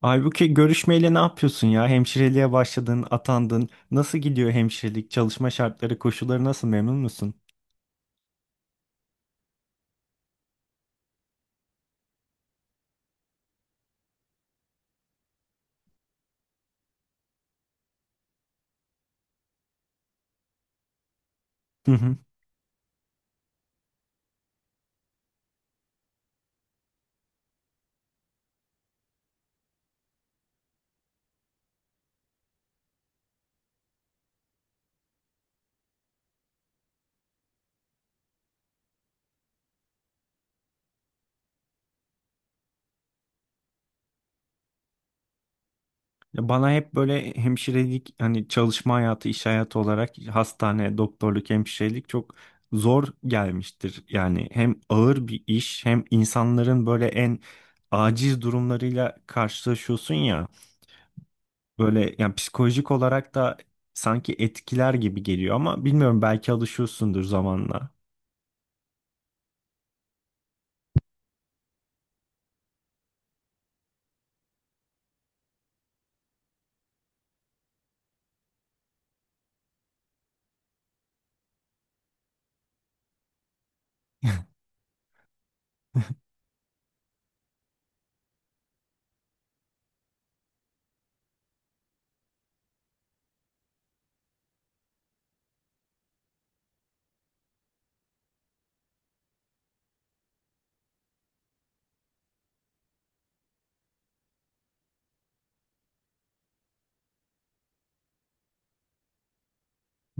Halbuki görüşmeyle ne yapıyorsun ya? Hemşireliğe başladın, atandın. Nasıl gidiyor hemşirelik? Çalışma şartları, koşulları nasıl? Memnun musun? Hı hı. Ya bana hep böyle hemşirelik, hani çalışma hayatı, iş hayatı olarak hastane, doktorluk, hemşirelik çok zor gelmiştir. Yani hem ağır bir iş, hem insanların böyle en aciz durumlarıyla karşılaşıyorsun ya. Böyle yani psikolojik olarak da sanki etkiler gibi geliyor ama bilmiyorum belki alışıyorsundur zamanla.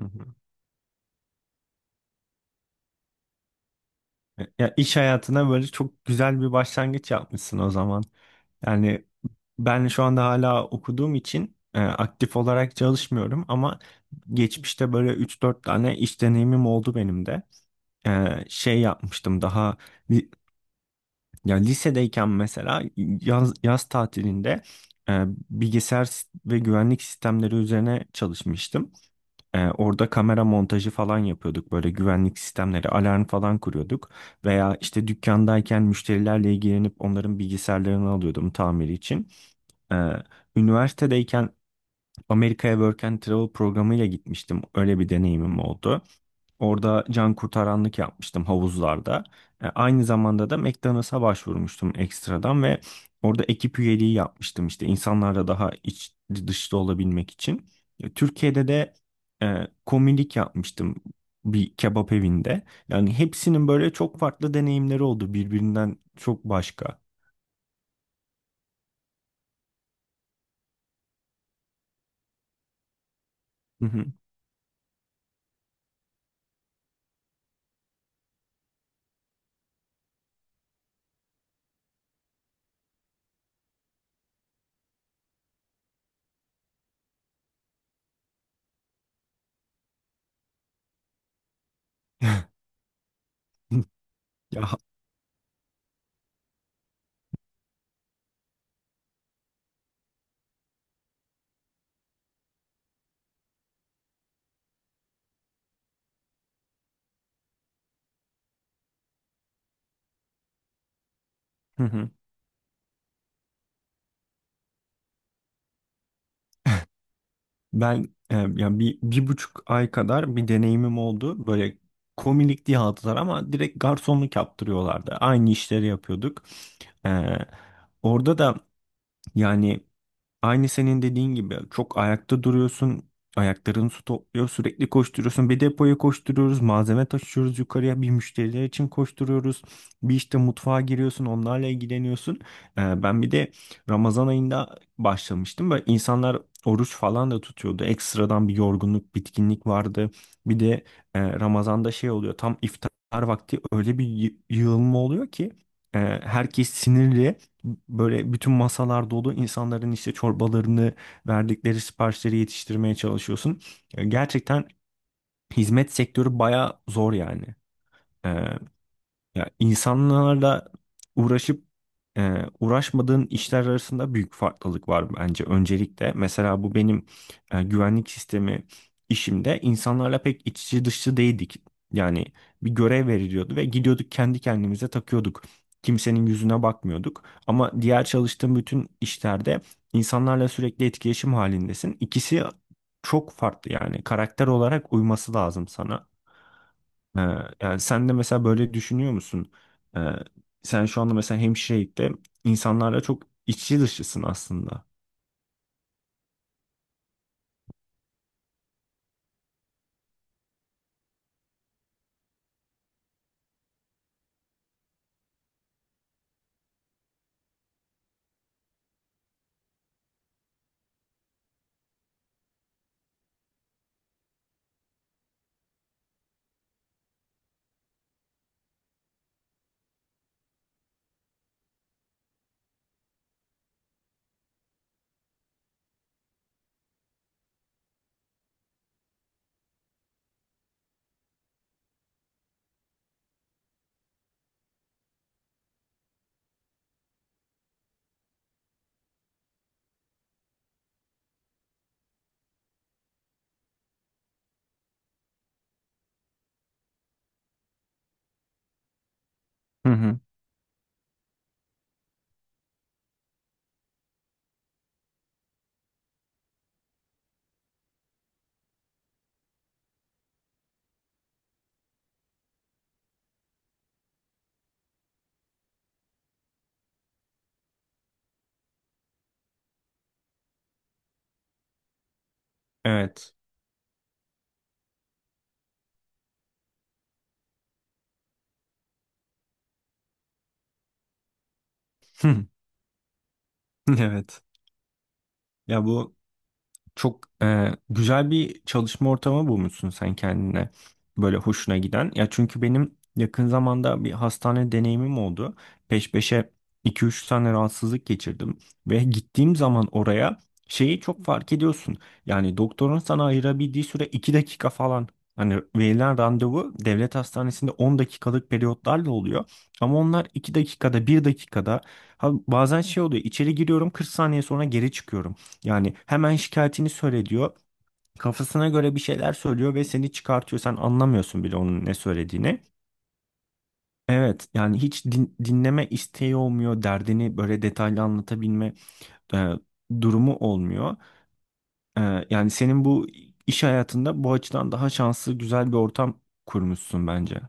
Hı hı. Ya iş hayatına böyle çok güzel bir başlangıç yapmışsın o zaman. Yani ben şu anda hala okuduğum için aktif olarak çalışmıyorum ama geçmişte böyle üç dört tane iş deneyimim oldu benim de. Şey yapmıştım daha li- ya lisedeyken mesela yaz tatilinde, e, bilgisayar ve güvenlik sistemleri üzerine çalışmıştım. Orada kamera montajı falan yapıyorduk. Böyle güvenlik sistemleri, alarm falan kuruyorduk. Veya işte dükkandayken müşterilerle ilgilenip onların bilgisayarlarını alıyordum tamiri için. Ee, Üniversitedeyken Amerika'ya Work and Travel programıyla gitmiştim. Öyle bir deneyimim oldu. Orada can kurtaranlık yapmıştım havuzlarda. Aynı zamanda da McDonald's'a başvurmuştum ekstradan ve orada ekip üyeliği yapmıştım işte insanlarla daha iç dışta olabilmek için. Türkiye'de de komilik yapmıştım bir kebap evinde. Yani hepsinin böyle çok farklı deneyimleri oldu birbirinden çok başka. Hı hı. Ya, hı hı. Ben yani bir, bir buçuk ay kadar bir deneyimim oldu. Böyle komilik diye aldılar ama direkt garsonluk yaptırıyorlardı. Aynı işleri yapıyorduk. E, Orada da, yani aynı senin dediğin gibi, çok ayakta duruyorsun. Ayakların su topluyor. Sürekli koşturuyorsun. Bir depoya koşturuyoruz. Malzeme taşıyoruz yukarıya. Bir müşteriler için koşturuyoruz. Bir işte mutfağa giriyorsun. Onlarla ilgileniyorsun. Ben bir de Ramazan ayında başlamıştım. Böyle insanlar oruç falan da tutuyordu. Ekstradan bir yorgunluk, bitkinlik vardı. Bir de Ramazan'da şey oluyor. Tam iftar vakti öyle bir yığılma oluyor ki herkes sinirli. Böyle bütün masalar dolu, insanların işte çorbalarını, verdikleri siparişleri yetiştirmeye çalışıyorsun. Gerçekten hizmet sektörü baya zor yani. Ya insanlarla uğraşıp uğraşmadığın işler arasında büyük farklılık var bence öncelikle. Mesela bu benim güvenlik sistemi işimde insanlarla pek iç içe dışçı değildik. Yani bir görev veriliyordu ve gidiyorduk kendi kendimize takıyorduk. Kimsenin yüzüne bakmıyorduk. Ama diğer çalıştığım bütün işlerde insanlarla sürekli etkileşim halindesin. İkisi çok farklı, yani karakter olarak uyması lazım sana. Ee, Yani sen de mesela böyle düşünüyor musun? Ee, Sen şu anda mesela hemşirelikte insanlarla çok içi dışısın aslında. Hı hı. Evet. Evet. Ya bu çok güzel bir çalışma ortamı bulmuşsun sen kendine. Böyle hoşuna giden. Ya çünkü benim yakın zamanda bir hastane deneyimim oldu. Peş peşe iki üç tane rahatsızlık geçirdim. Ve gittiğim zaman oraya, şeyi çok fark ediyorsun. Yani doktorun sana ayırabildiği süre 2 dakika falan. Hani verilen randevu devlet hastanesinde 10 dakikalık periyotlarla oluyor. Ama onlar 2 dakikada, 1 dakikada. Ha, bazen şey oluyor. İçeri giriyorum, 40 saniye sonra geri çıkıyorum. Yani hemen şikayetini söyle diyor. Kafasına göre bir şeyler söylüyor ve seni çıkartıyor. Sen anlamıyorsun bile onun ne söylediğini. Evet, yani hiç dinleme isteği olmuyor. Derdini böyle detaylı anlatabilme e, durumu olmuyor. Yani senin bu iş hayatında bu açıdan daha şanslı, güzel bir ortam kurmuşsun bence.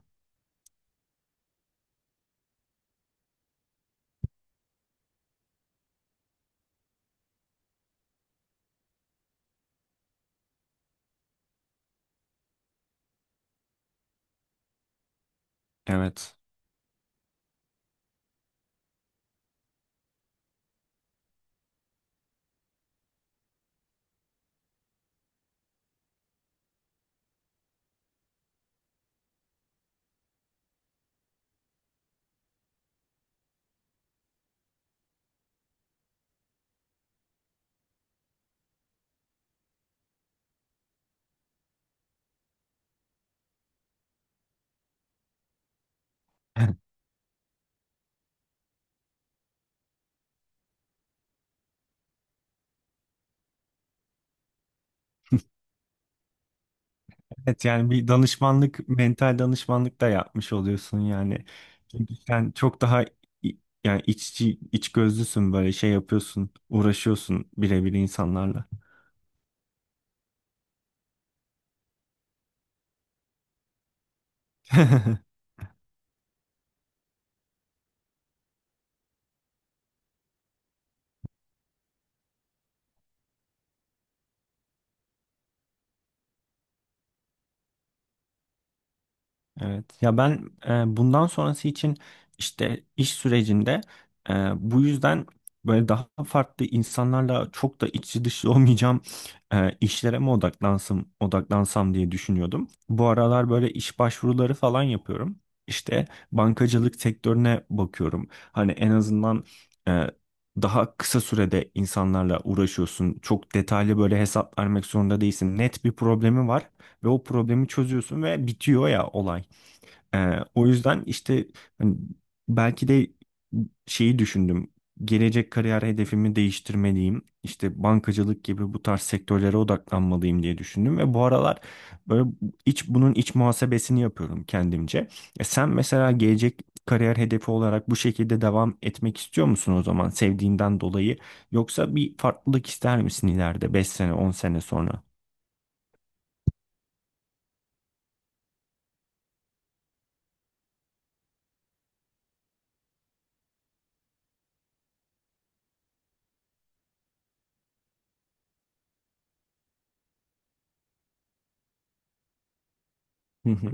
Evet. Evet, yani bir danışmanlık, mental danışmanlık da yapmış oluyorsun yani. Çünkü sen çok daha i- yani iççi, iç gözlüsün, böyle şey yapıyorsun, uğraşıyorsun birebir insanlarla. Evet. Ya ben bundan sonrası için işte, iş sürecinde, bu yüzden böyle daha farklı, insanlarla çok da içi dışı olmayacağım işlere mi odaklansam diye düşünüyordum. Bu aralar böyle iş başvuruları falan yapıyorum. İşte bankacılık sektörüne bakıyorum. Hani en azından e, daha kısa sürede insanlarla uğraşıyorsun. Çok detaylı böyle hesap vermek zorunda değilsin. Net bir problemi var ve o problemi çözüyorsun ve bitiyor ya olay. O yüzden işte, hani, belki de şeyi düşündüm. Gelecek kariyer hedefimi değiştirmeliyim. İşte bankacılık gibi bu tarz sektörlere odaklanmalıyım diye düşündüm ve bu aralar böyle bunun iç muhasebesini yapıyorum kendimce. Sen mesela gelecek kariyer hedefi olarak bu şekilde devam etmek istiyor musun o zaman, sevdiğinden dolayı? Yoksa bir farklılık ister misin ileride, 5 sene 10 sene sonra? Hı hı.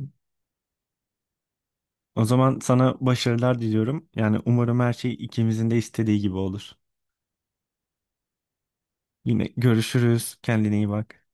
O zaman sana başarılar diliyorum. Yani umarım her şey ikimizin de istediği gibi olur. Yine görüşürüz. Kendine iyi bak.